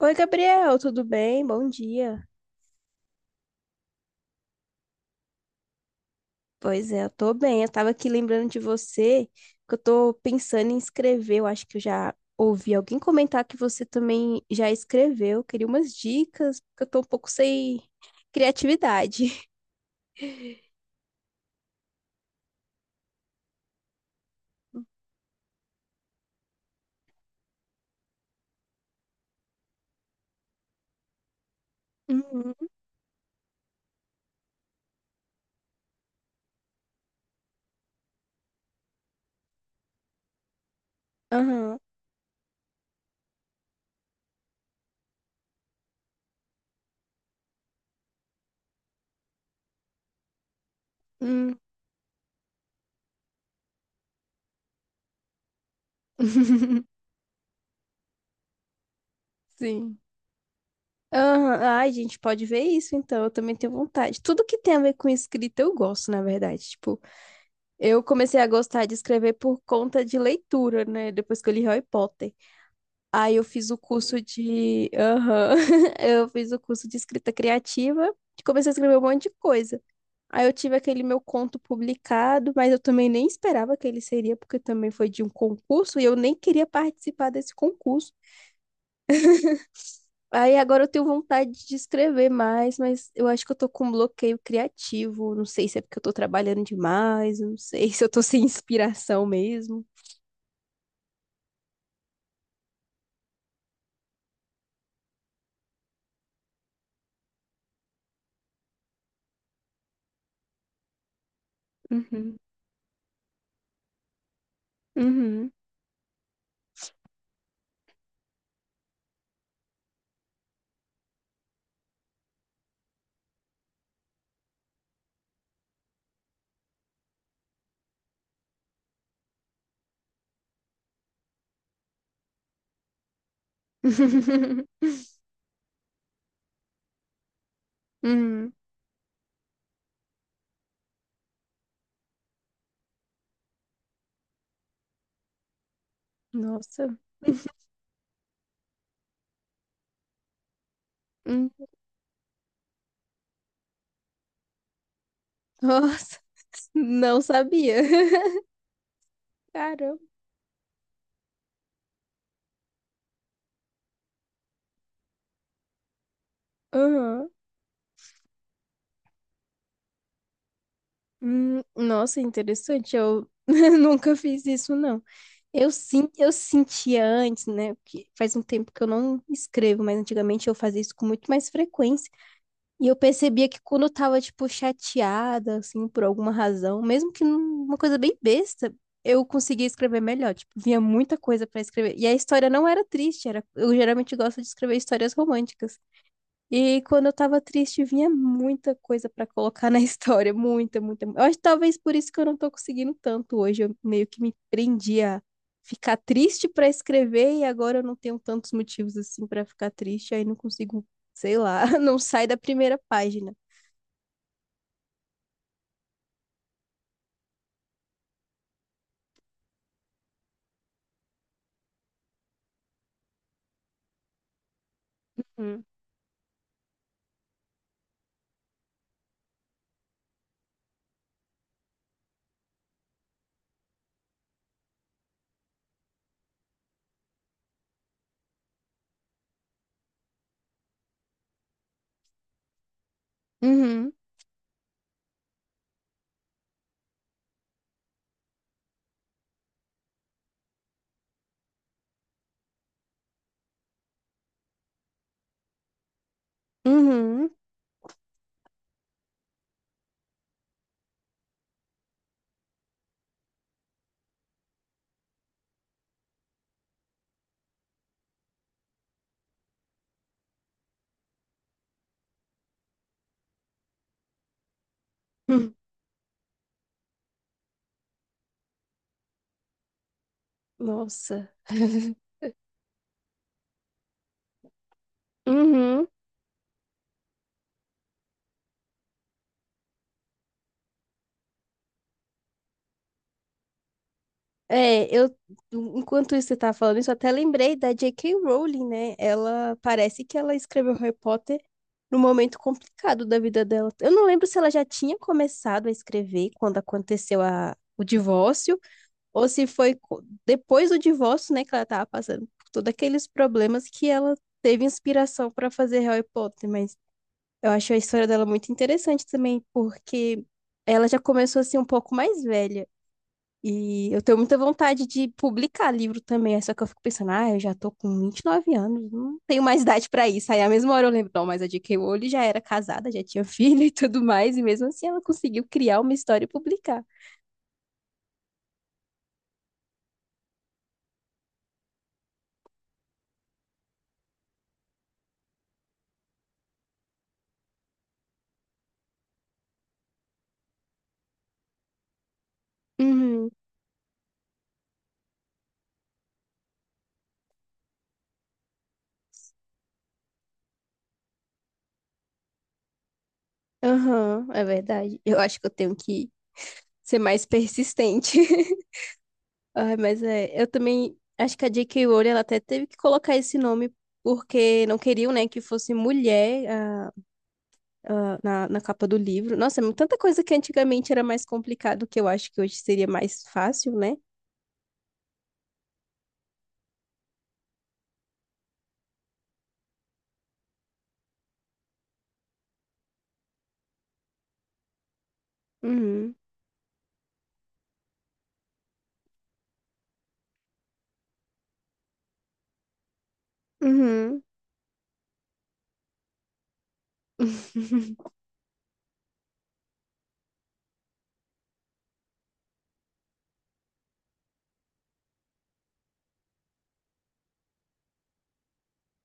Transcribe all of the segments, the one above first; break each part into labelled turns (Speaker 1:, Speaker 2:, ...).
Speaker 1: Oi, Gabriel, tudo bem? Bom dia. Pois é, eu tô bem. Eu tava aqui lembrando de você, que eu tô pensando em escrever. Eu acho que eu já ouvi alguém comentar que você também já escreveu. Eu queria umas dicas, porque eu tô um pouco sem criatividade. Uhum. Aham. Hum. Sim. Aham. Ai, a gente pode ver isso, então. Eu também tenho vontade. Tudo que tem a ver com escrita eu gosto, na verdade. Tipo, eu comecei a gostar de escrever por conta de leitura, né? Depois que eu li Harry Potter. Aí eu fiz o curso de. Aham. Eu fiz o curso de escrita criativa e comecei a escrever um monte de coisa. Aí eu tive aquele meu conto publicado, mas eu também nem esperava que ele seria, porque também foi de um concurso e eu nem queria participar desse concurso. Aí agora eu tenho vontade de escrever mais, mas eu acho que eu tô com um bloqueio criativo. Não sei se é porque eu tô trabalhando demais, eu não sei se eu tô sem inspiração mesmo. Uhum. Uhum. Uhum. Nossa. Hum. Nossa, não sabia. Caramba. Aham. Nossa, interessante. Eu nunca fiz isso, não. Eu, sim, eu sentia antes, né? Porque faz um tempo que eu não escrevo, mas antigamente eu fazia isso com muito mais frequência. E eu percebia que quando eu tava, tipo, chateada, assim, por alguma razão, mesmo que uma coisa bem besta, eu conseguia escrever melhor. Tipo, vinha muita coisa pra escrever. E a história não era triste, eu geralmente gosto de escrever histórias românticas. E quando eu tava triste, vinha muita coisa pra colocar na história, muita, muita. Eu acho que talvez por isso que eu não tô conseguindo tanto hoje. Eu meio que me prendi a ficar triste pra escrever e agora eu não tenho tantos motivos assim pra ficar triste, aí não consigo, sei lá, não sai da primeira página. Hum. Uhum. Uhum. Hum. Nossa. Uhum. É, enquanto isso você tá falando isso, eu até lembrei da J.K. Rowling, né? Ela parece que ela escreveu Harry Potter num momento complicado da vida dela. Eu não lembro se ela já tinha começado a escrever quando aconteceu a, o divórcio, ou se foi depois do divórcio, né, que ela tava passando por todos aqueles problemas que ela teve inspiração para fazer Harry Potter, mas eu acho a história dela muito interessante também, porque ela já começou assim um pouco mais velha. E eu tenho muita vontade de publicar livro também, é só que eu fico pensando, ah, eu já tô com 29 anos, não tenho mais idade pra isso. Aí, à mesma hora, eu lembro, não, mas a J.K. Rowling já era casada, já tinha filho e tudo mais, e mesmo assim ela conseguiu criar uma história e publicar. Uhum, aham, é verdade. Eu acho que eu tenho que ser mais persistente. Ai, mas é, eu também acho que a J.K. Rowling, ela até teve que colocar esse nome porque não queriam, né, que fosse mulher ah, na capa do livro. Nossa, é tanta coisa que antigamente era mais complicado que eu acho que hoje seria mais fácil, né? Uhum. Uhum.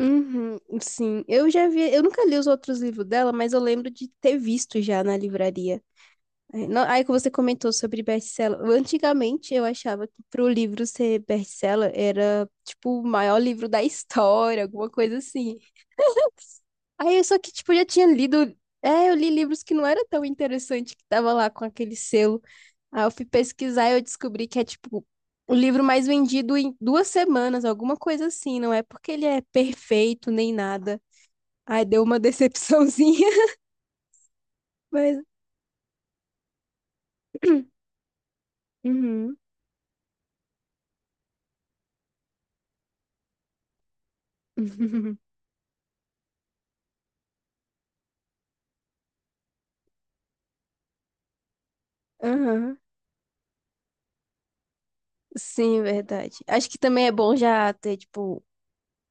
Speaker 1: Uhum, sim, eu já vi, eu nunca li os outros livros dela, mas eu lembro de ter visto já na livraria. É, Aí que você comentou sobre best-seller. Antigamente eu achava que pro livro ser best-seller era tipo o maior livro da história, alguma coisa assim. Aí eu só que tipo já tinha lido, eu li livros que não era tão interessante que tava lá com aquele selo. Aí eu fui pesquisar e eu descobri que é tipo o livro mais vendido em 2 semanas, alguma coisa assim. Não é porque ele é perfeito nem nada. Ai, deu uma decepçãozinha, mas. Uhum. Aham. Sim, verdade. Acho que também é bom já ter, tipo,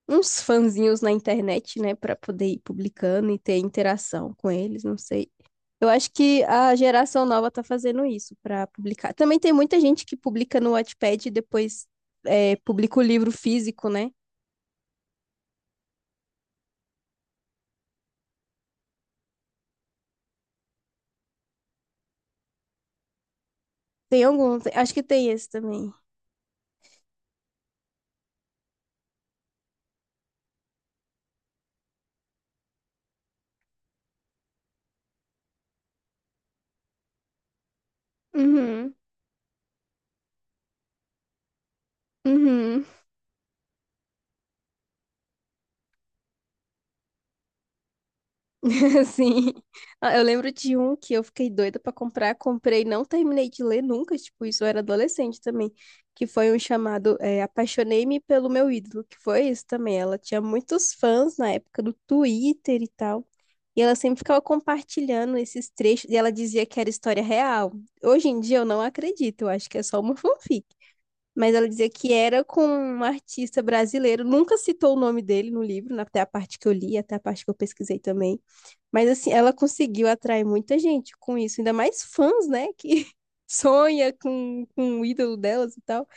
Speaker 1: uns fãzinhos na internet, né, pra poder ir publicando e ter interação com eles, não sei. Eu acho que a geração nova tá fazendo isso para publicar. Também tem muita gente que publica no Wattpad e depois publica o livro físico, né? Tem algum, acho que tem esse também. Uhum, uhum. Sim. Ah, eu lembro de um que eu fiquei doida pra comprar, comprei, não terminei de ler nunca, tipo, isso eu era adolescente também, que foi um chamado Apaixonei-me pelo meu ídolo, que foi isso também. Ela tinha muitos fãs na época do Twitter e tal. E ela sempre ficava compartilhando esses trechos e ela dizia que era história real. Hoje em dia eu não acredito, eu acho que é só uma fanfic, mas ela dizia que era com um artista brasileiro. Nunca citou o nome dele no livro, até a parte que eu li, até a parte que eu pesquisei também. Mas assim, ela conseguiu atrair muita gente com isso, ainda mais fãs, né? Que sonha com o ídolo delas e tal.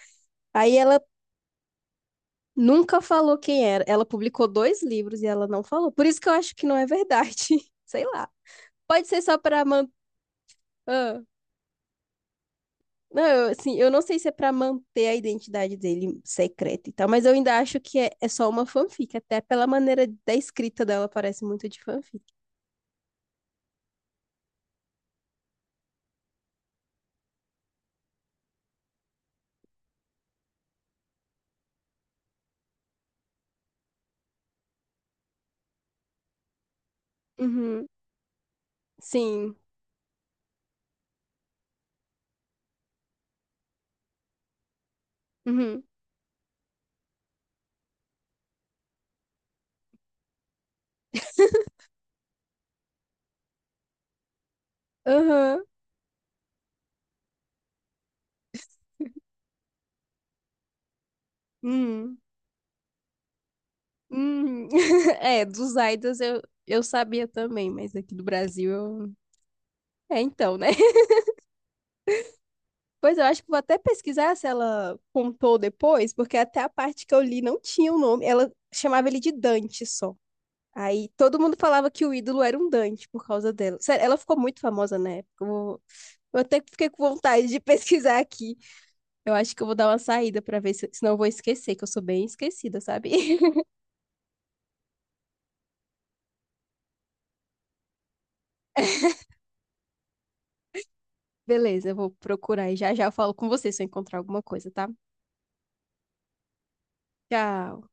Speaker 1: Aí ela nunca falou quem era. Ela publicou dois livros e ela não falou. Por isso que eu acho que não é verdade. Sei lá. Pode ser só para manter. Não, eu, assim, eu não sei se é pra manter a identidade dele secreta e tal, mas eu ainda acho que é só uma fanfic, até pela maneira da escrita dela parece muito de fanfic. Uhum. Sim. Uhum. Aham. Uhum. Uhum. É, dos idols eu sabia também, mas aqui do Brasil eu... É, então, né? Pois eu acho que vou até pesquisar se ela contou depois, porque até a parte que eu li não tinha o nome. Ela chamava ele de Dante só. Aí todo mundo falava que o ídolo era um Dante por causa dela. Sério, ela ficou muito famosa na época. Eu até fiquei com vontade de pesquisar aqui. Eu acho que eu vou dar uma saída pra ver se, senão eu vou esquecer, que eu sou bem esquecida, sabe? Beleza, eu vou procurar e já já eu falo com você se eu encontrar alguma coisa, tá? Tchau.